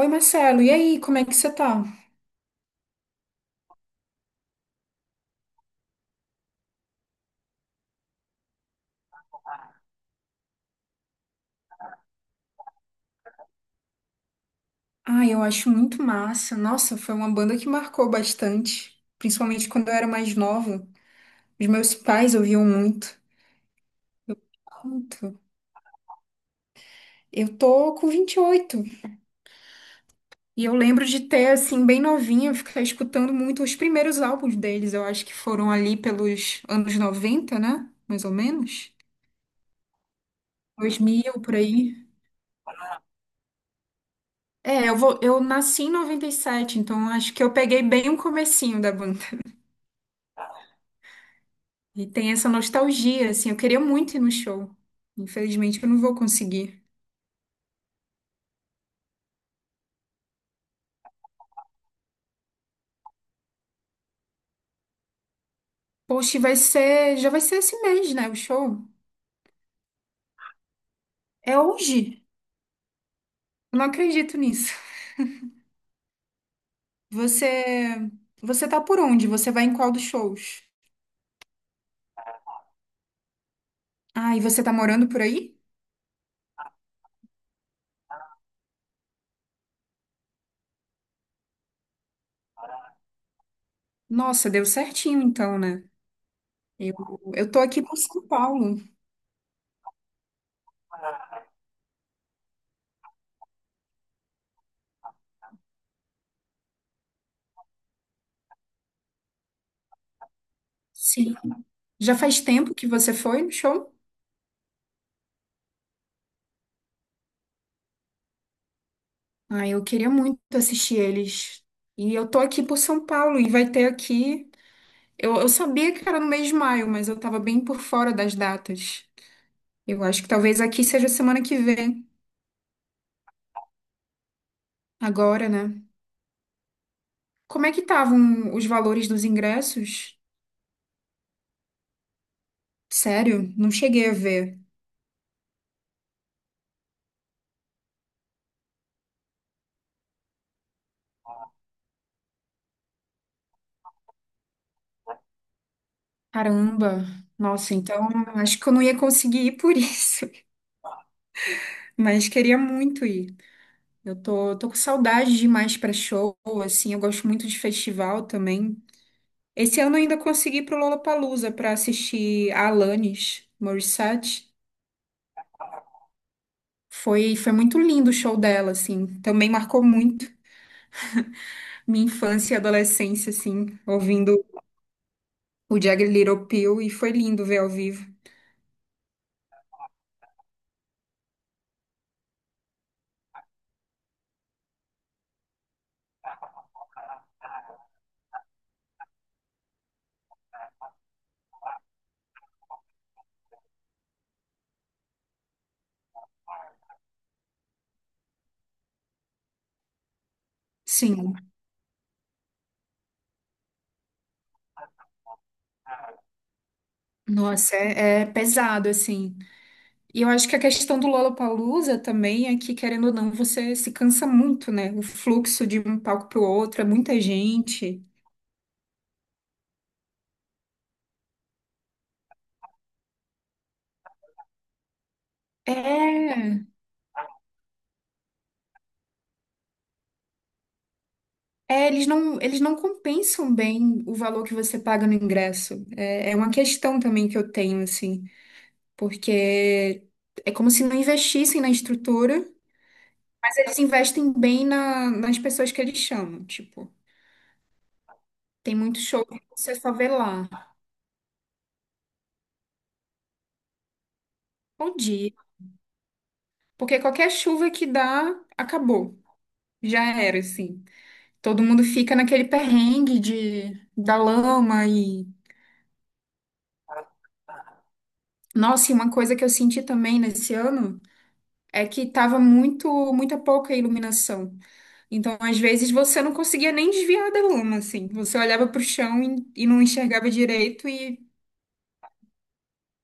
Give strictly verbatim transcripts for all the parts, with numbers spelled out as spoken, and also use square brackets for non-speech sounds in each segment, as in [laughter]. Oi, Marcelo, e aí, como é que você tá? Ah, eu acho muito massa. Nossa, foi uma banda que marcou bastante, principalmente quando eu era mais nova. Os meus pais ouviam muito. Muito. Eu tô com vinte e oito e eu lembro de ter, assim, bem novinha, ficar escutando muito os primeiros álbuns deles. Eu acho que foram ali pelos anos noventa, né? Mais ou menos. Dois mil por aí. É, eu vou, eu nasci em noventa e sete, então acho que eu peguei bem o comecinho da banda. E tem essa nostalgia, assim, eu queria muito ir no show. Infelizmente eu não vou conseguir. Poxa, e vai ser, já vai ser esse mês, né, o show? É hoje. Eu não acredito nisso. Você, você tá por onde? Você vai em qual dos shows? Ah, e você tá morando por aí? Nossa, deu certinho então, né? Eu, eu tô aqui por São Paulo. Sim. Já faz tempo que você foi no show? Ah, eu queria muito assistir eles. E eu tô aqui por São Paulo e vai ter aqui. Eu, eu sabia que era no mês de maio, mas eu tava bem por fora das datas. Eu acho que talvez aqui seja semana que vem, agora, né? Como é que estavam os valores dos ingressos? Sério? Não cheguei a ver. Caramba. Nossa, então acho que eu não ia conseguir ir por isso, [laughs] mas queria muito ir. Eu tô, tô com saudade demais pra show, assim, eu gosto muito de festival também. Esse ano eu ainda consegui ir pro Lollapalooza pra assistir a Alanis Morissette. Foi, foi muito lindo o show dela, assim. Também marcou muito minha infância e adolescência, assim, ouvindo o Jagged Little Pill, e foi lindo ver ao vivo. Sim, nossa, é, é pesado, assim. E eu acho que a questão do Lollapalooza também é que, querendo ou não, você se cansa muito, né? O fluxo de um palco pro outro, é muita gente. É, é, eles não, eles não compensam bem o valor que você paga no ingresso. É, é uma questão também que eu tenho, assim. Porque é como se não investissem na estrutura, mas eles investem bem na nas pessoas que eles chamam. Tipo, tem muito show que você só vê lá. Bom dia. Porque qualquer chuva que dá, acabou. Já era, assim. Todo mundo fica naquele perrengue de, da lama e. Nossa, e uma coisa que eu senti também nesse ano é que tava muito, muita pouca iluminação. Então, às vezes, você não conseguia nem desviar da lama, assim. Você olhava pro chão e, e não enxergava direito e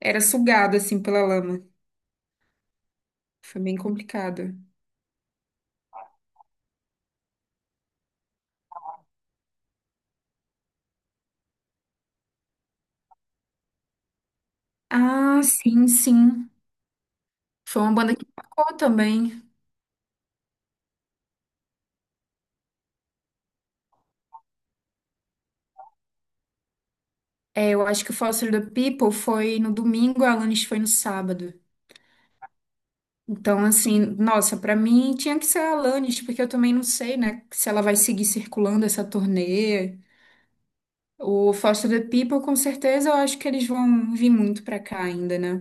era sugado, assim, pela lama. Foi bem complicado. Ah, sim, sim. Foi uma banda que tocou também. É, eu acho que o Foster the People foi no domingo, a Alanis foi no sábado. Então, assim, nossa, pra mim tinha que ser a Alanis, porque eu também não sei, né, se ela vai seguir circulando essa turnê. O Foster the People, com certeza, eu acho que eles vão vir muito pra cá ainda, né?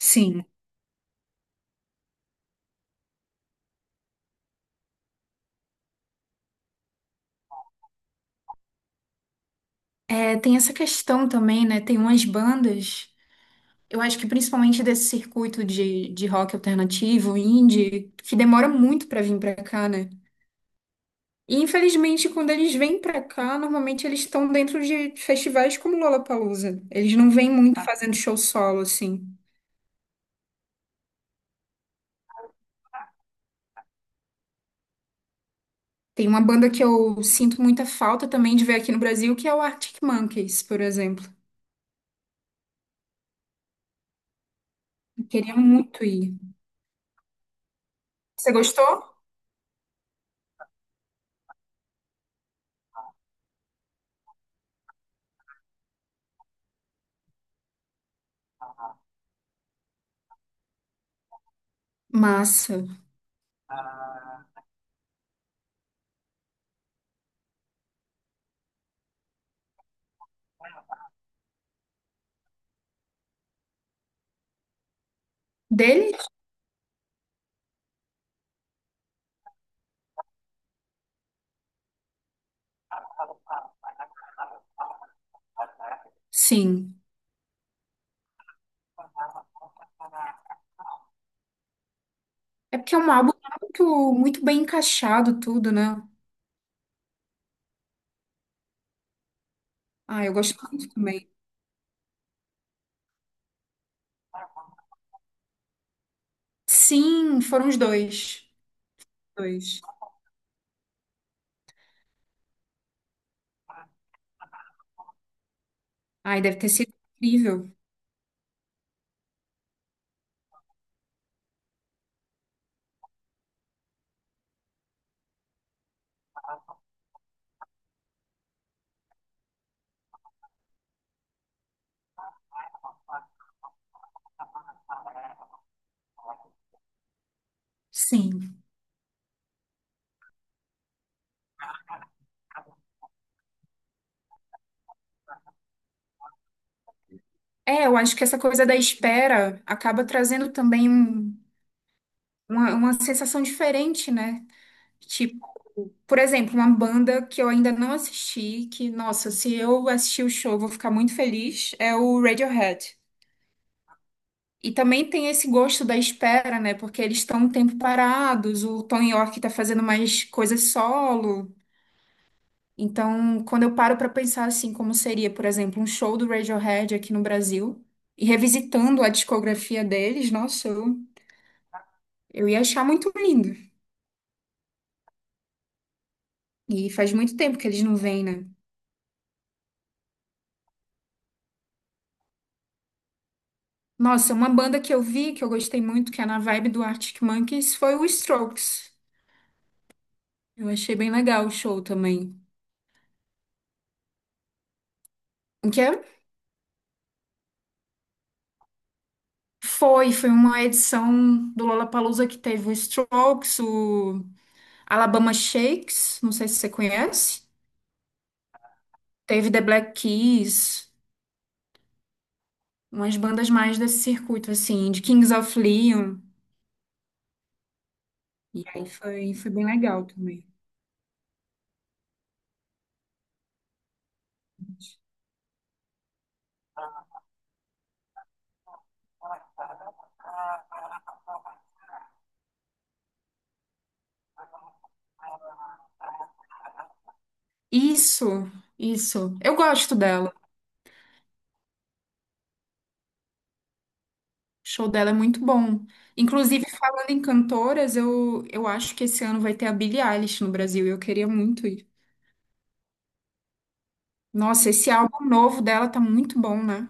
Sim. É, tem essa questão também, né? Tem umas bandas, eu acho que principalmente desse circuito de, de rock alternativo, indie, que demora muito pra vir pra cá, né? E infelizmente, quando eles vêm pra cá, normalmente eles estão dentro de festivais como Lollapalooza. Eles não vêm muito. Ah, fazendo show solo, assim. Tem uma banda que eu sinto muita falta também de ver aqui no Brasil, que é o Arctic Monkeys, por exemplo. Eu queria muito ir. Você gostou? Massa. Dele? Sim. É porque é um álbum muito, muito bem encaixado, tudo, né? Ah, eu gosto muito também. Sim, foram os dois. Dois. Ai, deve ter sido incrível. Sim. É, eu acho que essa coisa da espera acaba trazendo também um- uma, uma sensação diferente, né? Tipo, por exemplo, uma banda que eu ainda não assisti, que, nossa, se eu assistir o show, eu vou ficar muito feliz, é o Radiohead. E também tem esse gosto da espera, né? Porque eles estão um tempo parados, o Tom York tá fazendo mais coisas solo. Então, quando eu paro para pensar assim, como seria, por exemplo, um show do Radiohead aqui no Brasil, e revisitando a discografia deles, nossa, eu, eu ia achar muito lindo. E faz muito tempo que eles não vêm, né? Nossa, uma banda que eu vi, que eu gostei muito, que é na vibe do Arctic Monkeys, foi o Strokes. Eu achei bem legal o show também. O que é? Foi, foi uma edição do Lollapalooza que teve o Strokes, o Alabama Shakes, não sei se você conhece. Teve The Black Keys, umas bandas mais desse circuito, assim, de Kings of Leon. E aí foi, foi bem legal também. Isso, isso. Eu gosto dela. O show dela é muito bom. Inclusive, falando em cantoras, eu, eu acho que esse ano vai ter a Billie Eilish no Brasil. E eu queria muito ir. Nossa, esse álbum novo dela tá muito bom, né?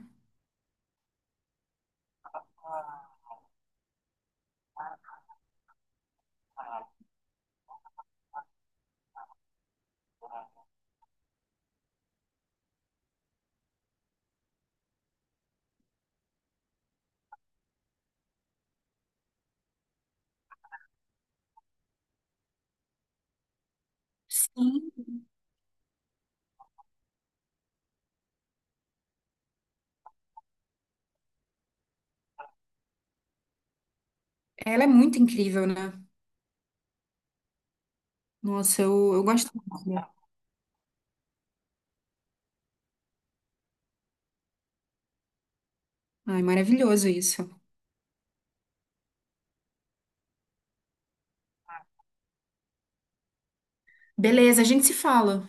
Sim. Ela é muito incrível, né? Nossa, eu, eu gosto muito. Ai, maravilhoso isso. Beleza, a gente se fala.